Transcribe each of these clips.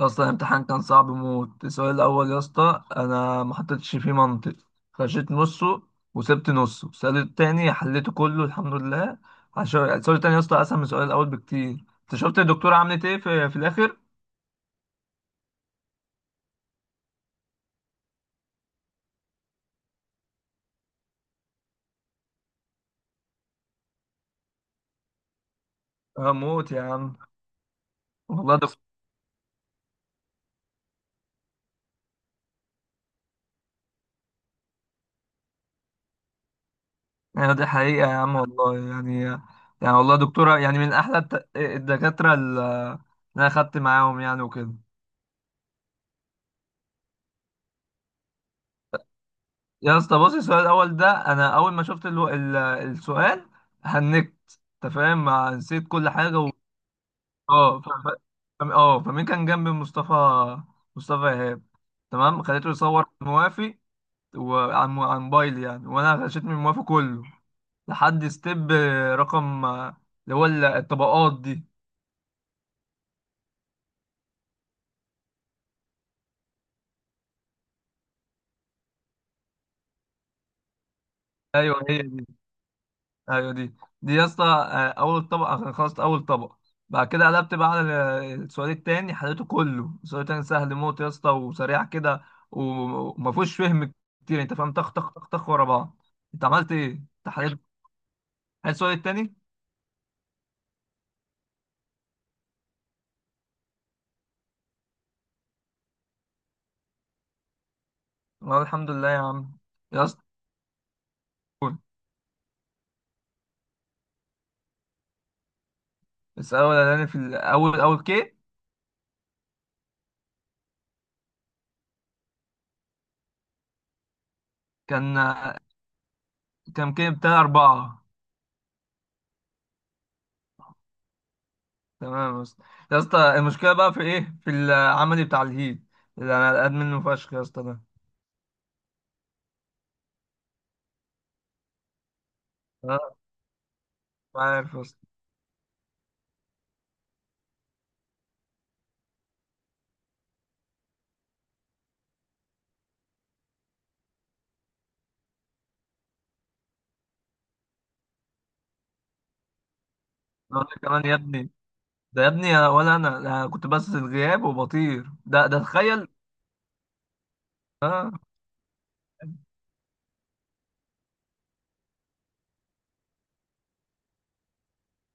يا اسطى الامتحان كان صعب موت. السؤال الاول يا اسطى انا ما حطيتش فيه منطق، خشيت نصه وسبت نصه. السؤال التاني حليته كله الحمد لله، عشان السؤال التاني يا اسطى اسهل من السؤال الاول بكتير. انت شفت الدكتوره عملت ايه في الاخر؟ اه موت يا عم. والله دكتور، يعني دي حقيقه يا عم والله. يعني يعني والله دكتوره، يعني من احلى الدكاتره اللي انا خدت معاهم يعني وكده. يا اسطى بص، السؤال الاول ده انا اول ما شفت السؤال هنكت، انت فاهم؟ ما نسيت كل حاجه و... اه ف... ف... فم- اه فمين كان جنبي مصطفى، مصطفى ايهاب. تمام، خليته يصور موافي. وعن موبايل يعني، وانا غشيت من موافي كله لحد ستيب رقم اللي هو الطبقات دي. ايوه هي دي، ايوه دي. دي يا اسطى اول طبق، خلصت اول طبق. بعد كده قلبت بقى على السؤال التاني، حليته كله. السؤال التاني سهل موت يا اسطى، وسريع كده وما فيهوش فهم كتير، انت فاهم؟ طخ طخ طخ طخ ورا بعض. انت عملت ايه انت حليت؟ حليت السؤال التاني. والله الحمد لله يا عم. يا اسطى السؤال الاولاني في الاول اول كي، كان كان كي بتاع اربعة. تمام يا اسطى. يا اسطى المشكلة بقى في ايه؟ في العملي بتاع الهيد اللي انا قاعد منه فشخ يا اسطى ده. أنا مش عارف يا اسطى. أنا أقول لك كمان يا ابني، ده يا ابني أنا- ولا انا أنا كنت بس الغياب وبطير ده تخيل. اه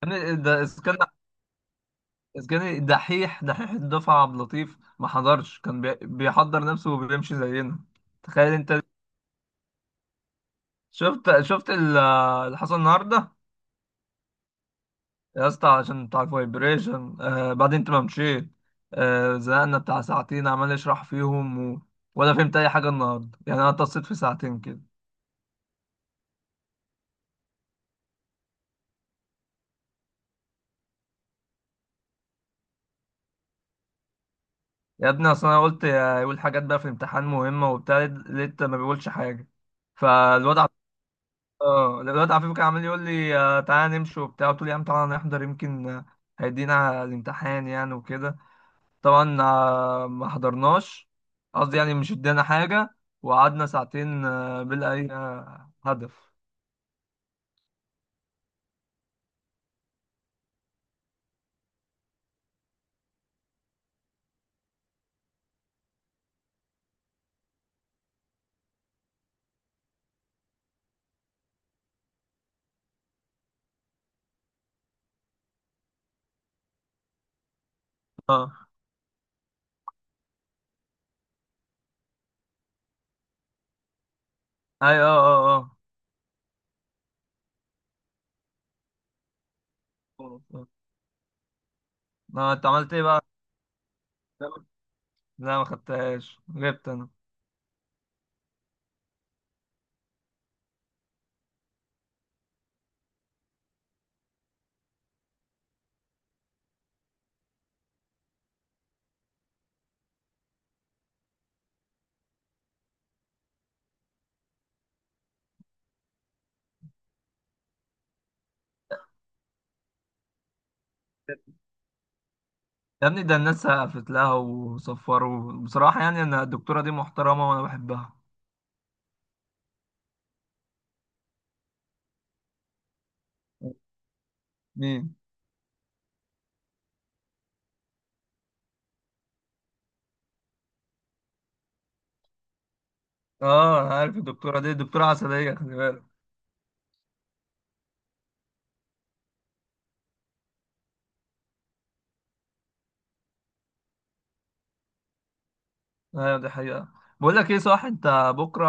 يعني ده اسكان، اسكان دحيح. دحيح الدفعه عبد اللطيف ما حضرش، كان بيحضر نفسه وبيمشي زينا. تخيل انت. شفت اللي حصل النهارده؟ يا اسطى عشان بتاع الفايبريشن. آه بعدين انت ما مشيت، زهقنا بتاع ساعتين عمال اشرح فيهم، و... ولا فهمت اي حاجه النهارده يعني. انا اتصلت في ساعتين كده. يا ابني اصل انا قلت يقول حاجات بقى في الامتحان مهمه وبتاع، لقيت ما بيقولش حاجه. فالواد عف- اه الواد عفيف كان عمال يقول لي تعالى نمشي وبتاع. قلت له يا عم تعالى نحضر، يمكن هيدينا الامتحان يعني وكده. طبعا ما حضرناش. قصدي يعني مش ادانا حاجه، وقعدنا ساعتين بلا اي هدف. اه. اي اه. اه. اه. انت عملت ايه بقى؟ لا ما خدتهاش، غبت انا. يا ابني ده الناس سقفت لها وصفروا بصراحة. يعني أنا الدكتورة دي محترمة وأنا بحبها. مين؟ اه انا عارف الدكتورة دي، دكتورة عسلية، خلي بالك. ايوه دي حقيقة. بقول لك ايه، صح انت بكرة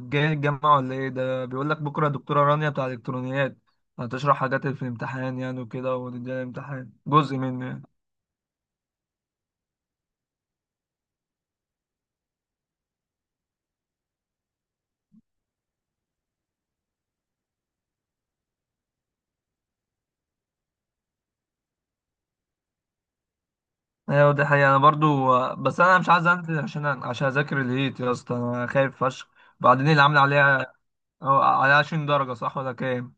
جاي الجامعة ولا ايه؟ ده بيقول لك بكرة دكتورة رانيا بتاع الالكترونيات هتشرح حاجات في الامتحان يعني وكده، ونديها الامتحان جزء منه يعني. ايوه دي حقيقة انا برضو، بس انا مش عايز انزل عشان اذاكر الهيت. يا اسطى انا خايف فشخ. بعدين اللي عامل عليها، أو عليها 20 درجة، صح ولا كام؟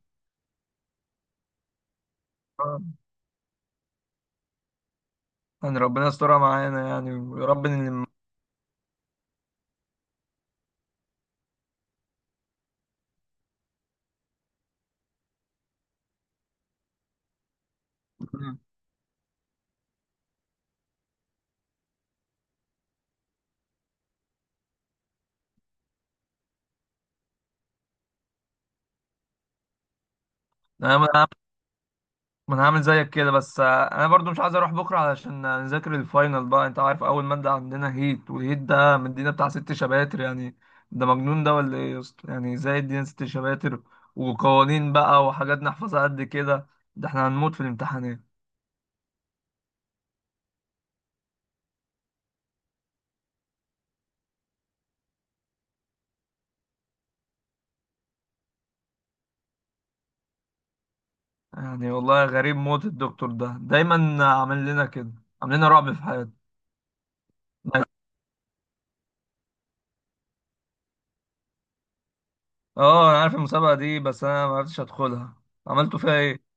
يعني ربنا يسترها معانا يعني، ويا رب ان مم. انا ما انا هعمل زيك كده. بس انا برضو مش عايز اروح بكره علشان نذاكر الفاينل بقى. انت عارف اول ماده عندنا هيت، والهيت ده مدينا بتاع ست شباتر يعني. ده مجنون ده ولا ايه يا اسطى؟ يعني ازاي ادينا ست شباتر وقوانين بقى وحاجات نحفظها قد كده؟ ده احنا هنموت في الامتحانات. يعني والله غريب موت، الدكتور ده دايما عامل لنا كده، عامل لنا رعب في حياتنا. بس- اه انا عارف المسابقه دي، بس انا ما عرفتش ادخلها. عملتوا فيها ايه؟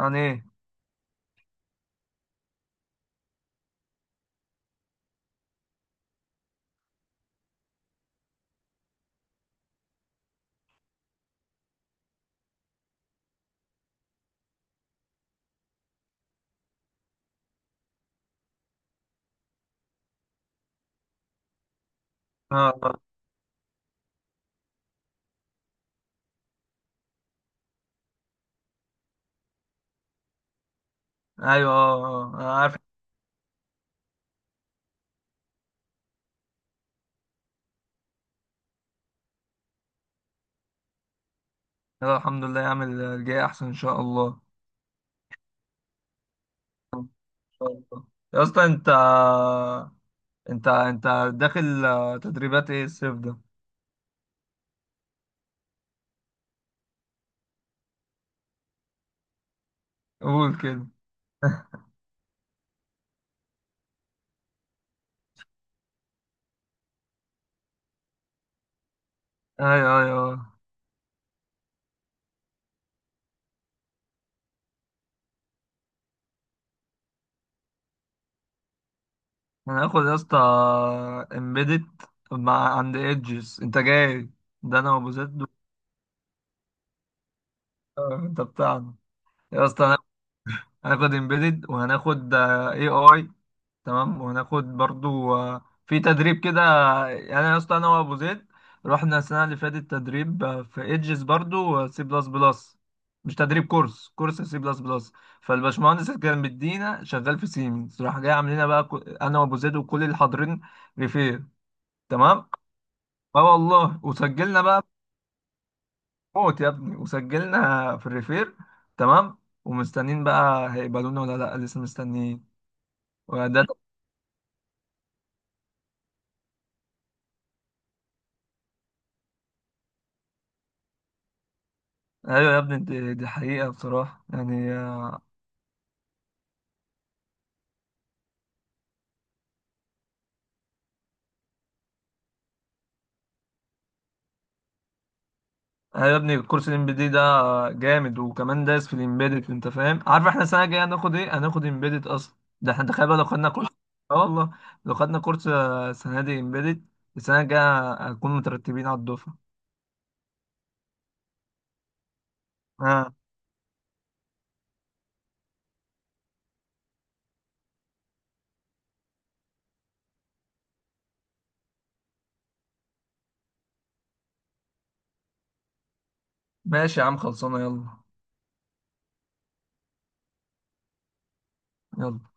عن ايه؟ اه. آه. ايوه اه. آه. انا عارف. يلا الحمد لله، يعمل الجاي احسن ان شاء الله. ان شاء الله. يا اسطى انت داخل تدريبات ايه الصيف ده؟ قول كده. ايوه ايوه آه. انا هاخد يا اسطى امبيدت مع عند ايدجز، انت جاي؟ ده انا وابو زيد انت بتاعنا. يا اسطى هناخد امبيدد وهناخد اي اي، تمام، وهناخد برضو في تدريب كده. يعني انا يا اسطى انا وابو زيد رحنا السنه اللي فاتت تدريب في ايدجز، برضو سي بلس بلس. مش تدريب، كورس سي بلس بلس. فالباشمهندس اللي كان مدينا شغال في سيمنز، راح جاي عاملين بقى انا وابو زيد وكل اللي حاضرين ريفير. تمام. اه والله، وسجلنا بقى موت يا ابني، وسجلنا في الريفير تمام. ومستنيين بقى هيقبلونا ولا لا، لسه مستنيين. وده، ايوه يا ابني دي دي حقيقة بصراحة يعني. ايوه يا ابني الكورس الام بي دي ده جامد، وكمان دايس في الامبيدد. انت فاهم؟ عارف احنا السنه الجايه هناخد ايه؟ هناخد امبيدد اصلا. ده احنا تخيل بقى لو خدنا كورس. اه والله. لو خدنا كورس السنه دي امبيدد، السنه الجايه هنكون مترتبين على الدفعه. اه ماشي يا عم، خلصانه، يلا. يلا